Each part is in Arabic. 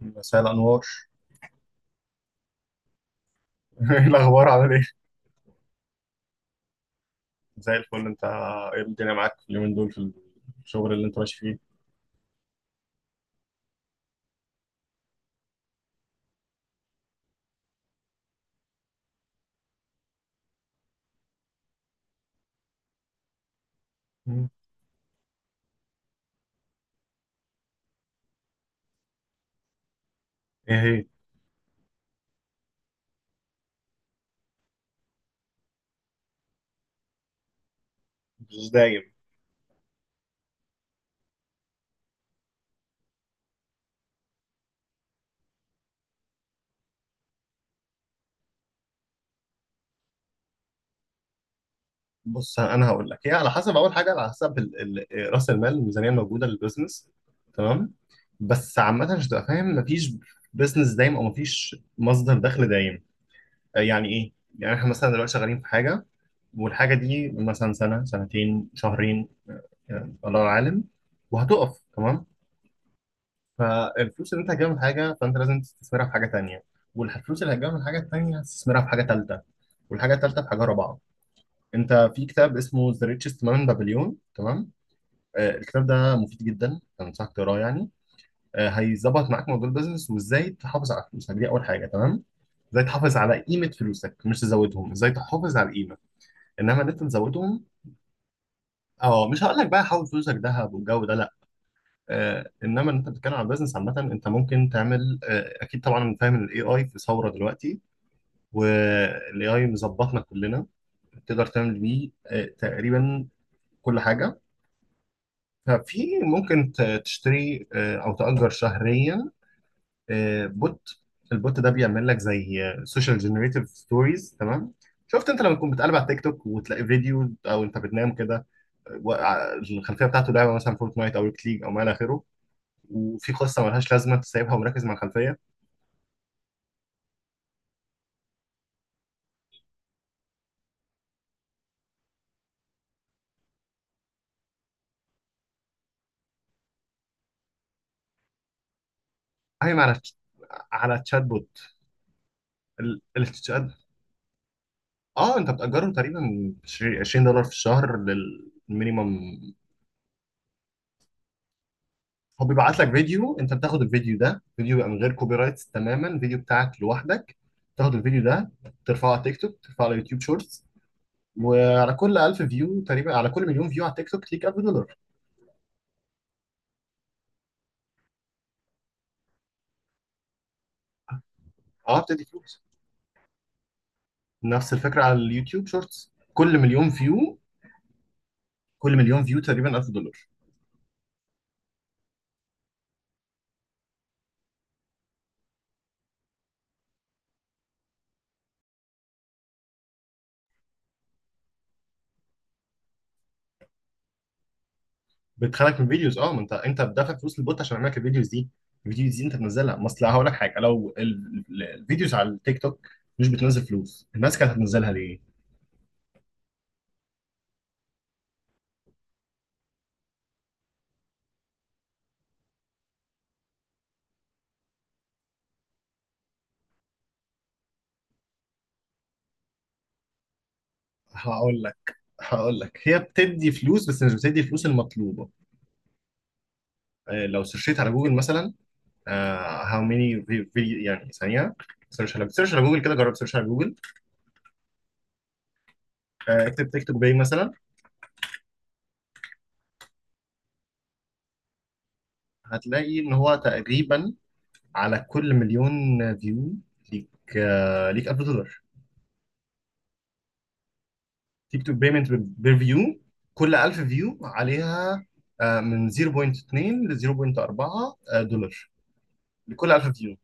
مساء الأنوار. إيه الأخبار؟ عامل إيه؟ زي الفل. أنت إيه الدنيا معاك في اليومين دول في الشغل اللي أنت ماشي فيه؟ مم. إيه هي؟ مش دايم. بص، أنا هقول لك، هي على حسب. أول حاجة على حسب رأس المال، الميزانية الموجودة للبزنس. تمام؟ بس عامة عشان تبقى فاهم، مفيش بزنس دايم أو مفيش مصدر دخل دايم. يعني إيه؟ يعني إحنا مثلا دلوقتي شغالين في حاجة، والحاجة دي مثلا سنة، سنتين، شهرين، يعني الله أعلم، وهتقف. تمام؟ فالفلوس اللي انت هتجيبها من حاجه فانت لازم تستثمرها في حاجه تانية، والفلوس اللي هتجيبها من حاجه تانية هتستثمرها في حاجه تالتة، والحاجه التالتة في حاجه رابعه. انت في كتاب اسمه ذا ريتشست مان بابليون، تمام؟ آه، الكتاب ده مفيد جدا، انصحك تقراه يعني. آه، هيظبط معاك موضوع البيزنس، وازاي تحافظ على فلوسك دي اول حاجه. تمام؟ ازاي تحافظ على قيمه فلوسك، مش تزودهم، ازاي تحافظ على القيمه، انما ان انت تزودهم. اه، مش هقول لك بقى حول فلوسك ذهب والجو ده، لا. انما انت بتتكلم عن بزنس عامه، انت ممكن تعمل، اكيد طبعا انا فاهم ان الاي اي في ثوره دلوقتي، والاي اي مظبطنا كلنا. تقدر تعمل بيه تقريبا كل حاجه. ففي ممكن تشتري او تأجر شهريا بوت. البوت ده بيعمل لك زي سوشيال جنريتيف ستوريز. تمام؟ شفت انت لما تكون بتقلب على تيك توك وتلاقي فيديو، او انت بتنام كده الخلفيه بتاعته لعبه مثلا فورتنايت او ريكت ليج او ما الى اخره، وفي قصه ملهاش لازمه تسيبها ومركز مع الخلفيه. قايم على تشات بوت. التشات، اه انت بتأجره تقريبا $20 في الشهر للمينيمم. هو بيبعت لك فيديو، انت بتاخد الفيديو ده، فيديو بقى من غير كوبي رايتس تماما، فيديو بتاعك لوحدك. تاخد الفيديو ده ترفعه على تيك توك، ترفعه على يوتيوب شورتس، وعلى كل 1000 فيو تقريبا، على كل مليون فيو على تيك توك ليك $1000. اه، بتدي فلوس. نفس الفكرة على اليوتيوب شورتس، كل مليون فيو، كل مليون فيو تقريبا $1000. بتخلك من الفيديوز، اه، ما انت بتدفع فلوس للبوت عشان يعمل لك الفيديوز دي. الفيديوز دي انت بتنزلها، ما اصل هقول لك حاجه، لو الفيديوز على التيك توك مش بتنزل فلوس، الناس كانت هتنزلها ليه؟ هقول لك هقول لك، هي بتدي فلوس بس مش بتدي الفلوس المطلوبه. آه، لو سيرشيت على جوجل مثلا، هاو ميني فيديو، يعني ثانيه، سيرش على جوجل كده، جرب سيرش على جوجل. آه، اكتب تيك توك باي مثلا، هتلاقي ان هو تقريبا على كل مليون فيو ليك، ليك $1000. تيك توك بيمنت بير فيو، كل 1000 فيو عليها من 0.2 ل 0.4 دولار لكل 1000 فيو.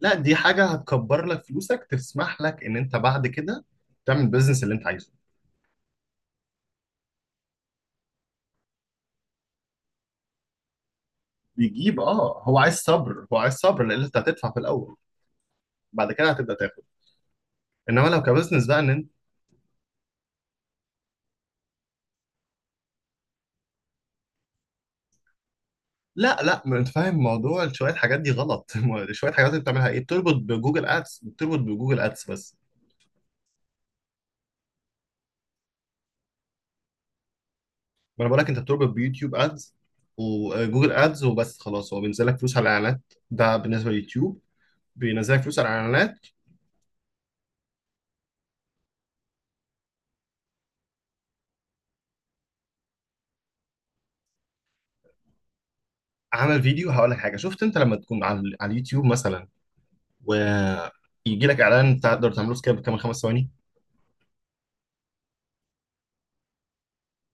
لا، دي حاجه هتكبر لك فلوسك، تسمح لك ان انت بعد كده تعمل البيزنس اللي انت عايزه. بيجيب، اه، هو عايز صبر، لان انت هتدفع في الاول، بعد كده هتبدا تاخد. انما لو كبزنس بقى ان انت، لا لا، ما انت فاهم، موضوع شويه حاجات دي غلط. شويه حاجات انت بتعملها ايه؟ بتربط بجوجل ادس، بس. ما انا بقول لك انت بتربط بيوتيوب ادز وجوجل ادز، وبس، خلاص. هو بينزل لك فلوس على الاعلانات، ده بالنسبه لليوتيوب. بينزل لك فلوس على الاعلانات. عمل فيديو، هقول لك حاجه، شفت انت لما تكون على اليوتيوب مثلا، ويجي لك اعلان تقدر تعمله سكيب كمان خمس ثواني؟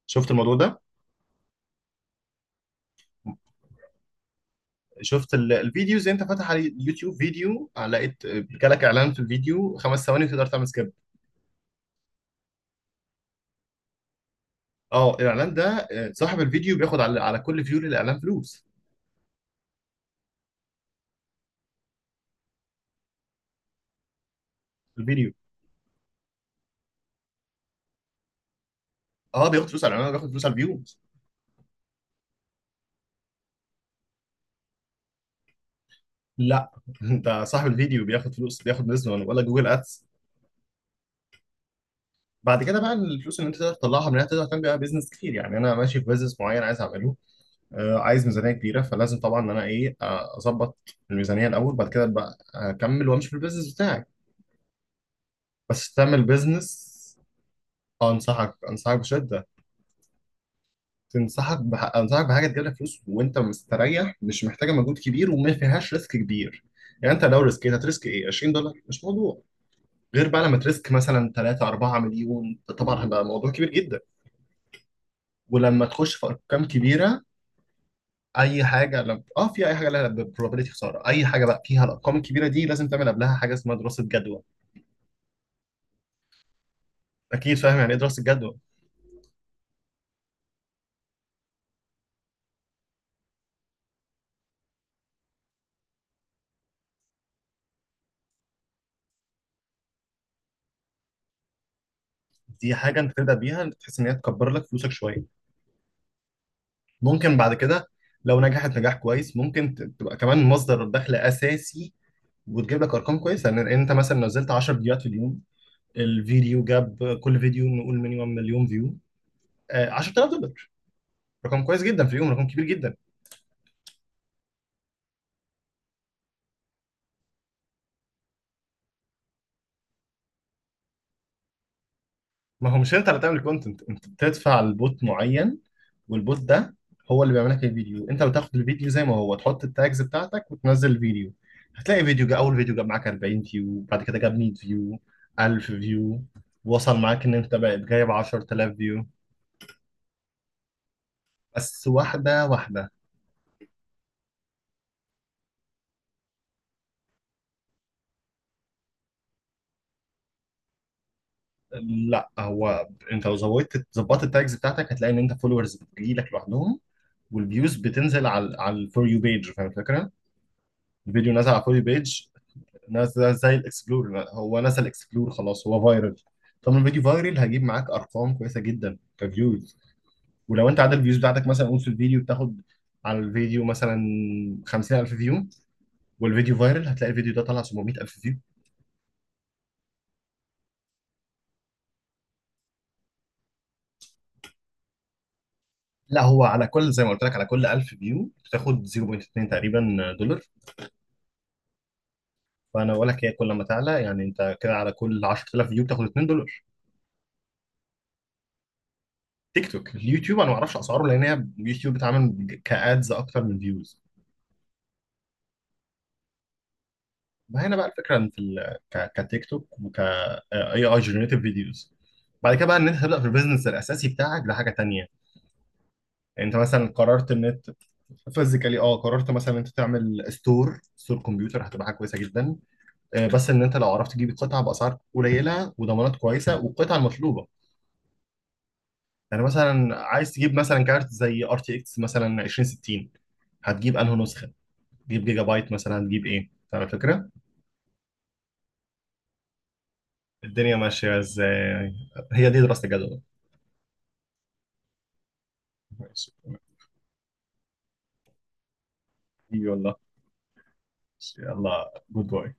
شفت الموضوع ده؟ شفت الفيديوز انت فاتح على اليوتيوب فيديو، لقيت جالك اعلان في الفيديو خمس ثواني تقدر تعمل سكيب؟ اه الاعلان ده، صاحب الفيديو بياخد على كل فيو للاعلان فلوس. الفيديو، اه، بياخد فلوس على الاعلان، وبياخد فلوس على الفيو. لا، انت صاحب الفيديو بياخد فلوس، بياخد بزنس، ولا جوجل ادس. بعد كده بقى، الفلوس اللي انت تقدر تطلعها منها تقدر تعمل بيها بيزنس كتير. يعني انا ماشي في بيزنس معين عايز اعمله، آه، عايز ميزانيه كبيره، فلازم طبعا ان انا ايه، اظبط الميزانيه الاول، بعد كده بقى اكمل وامشي في البيزنس بتاعي. بس تعمل بيزنس، انصحك بشده. انصحك بحاجه تجيب لك فلوس وانت مستريح، مش محتاجه مجهود كبير، وما فيهاش ريسك كبير. يعني انت لو ريسكيت، هتريسك ايه، $20، مش موضوع. غير بقى لما تريسك مثلا 3، 4 مليون، طبعا هيبقى موضوع كبير جدا. ولما تخش في ارقام كبيره، اي حاجه لب... اه في اي حاجه لها probability خساره، اي حاجه بقى فيها الارقام الكبيره دي، لازم تعمل قبلها حاجه اسمها دراسه جدوى. اكيد فاهم يعني ايه دراسه جدوى. دي حاجه انت تبدا بيها تحس ان هي تكبر لك فلوسك شويه، ممكن بعد كده لو نجحت نجاح كويس ممكن تبقى كمان مصدر دخل اساسي، وتجيب لك ارقام كويسه. لان انت مثلا نزلت 10 فيديوهات في اليوم، الفيديو جاب، كل فيديو نقول مينيمم مليون فيو، آه $10,000. رقم كويس جدا في يوم، رقم كبير جدا. ما هو مش انت اللي تعمل كونتنت، انت بتدفع لبوت معين، والبوت ده هو اللي بيعمل لك الفيديو. انت بتاخد الفيديو زي ما هو، تحط التاجز بتاعتك وتنزل الفيديو. هتلاقي فيديو جا، اول فيديو جاب معاك 40 فيو، بعد كده جاب 100 فيو، 1000 فيو، وصل معاك ان انت بقت جايب 10000 فيو. بس واحده واحده. لا، هو انت لو زودت ظبطت التاجز بتاعتك هتلاقي ان انت فولورز بتجيلك لوحدهم، والفيوز بتنزل على الفور يو بيج. فاهم الفكره؟ الفيديو نازل على الفور يو بيج، ناس زي الاكسبلور بقى، هو نسى الاكسبلور خلاص، هو فايرال. طب لما بيجي فايرال، هجيب معاك ارقام كويسه جدا كفيوز. ولو انت عدد الفيوز بتاعتك مثلا، قول في الفيديو بتاخد على الفيديو مثلا 50000 فيو، والفيديو فايرال، هتلاقي الفيديو ده طلع 700000 فيو. لا هو على كل، زي ما قلت لك، على كل 1000 فيو بتاخد 0.2 تقريبا دولار. فانا بقول لك هي كل ما تعلى، يعني انت كده على كل 10000 فيو بتاخد $2. تيك توك؟ اليوتيوب انا ما اعرفش اسعاره، لان هي اليوتيوب بتعمل كادز اكتر من فيوز. ما هنا بقى الفكره ان في كتيك توك وك اي اي جنريتيف فيديوز. بعد كده بقى ان انت تبدا في البيزنس الاساسي بتاعك لحاجه تانية. يعني انت مثلا قررت ان انت فيزيكالي، اه قررت مثلا انت تعمل ستور، ستور كمبيوتر، هتبقى حاجه كويسه جدا. آه، بس ان انت لو عرفت تجيب القطعه باسعار قليله، وضمانات كويسه، والقطعه المطلوبه. يعني مثلا عايز تجيب مثلا كارت زي ار تي اكس مثلا 2060، هتجيب انهي نسخه؟ تجيب جيجا بايت مثلا؟ هتجيب ايه؟ فاهم الفكره؟ الدنيا ماشيه ازاي؟ هي دي دراسه الجدوى. اي والله. يلا، جود باي.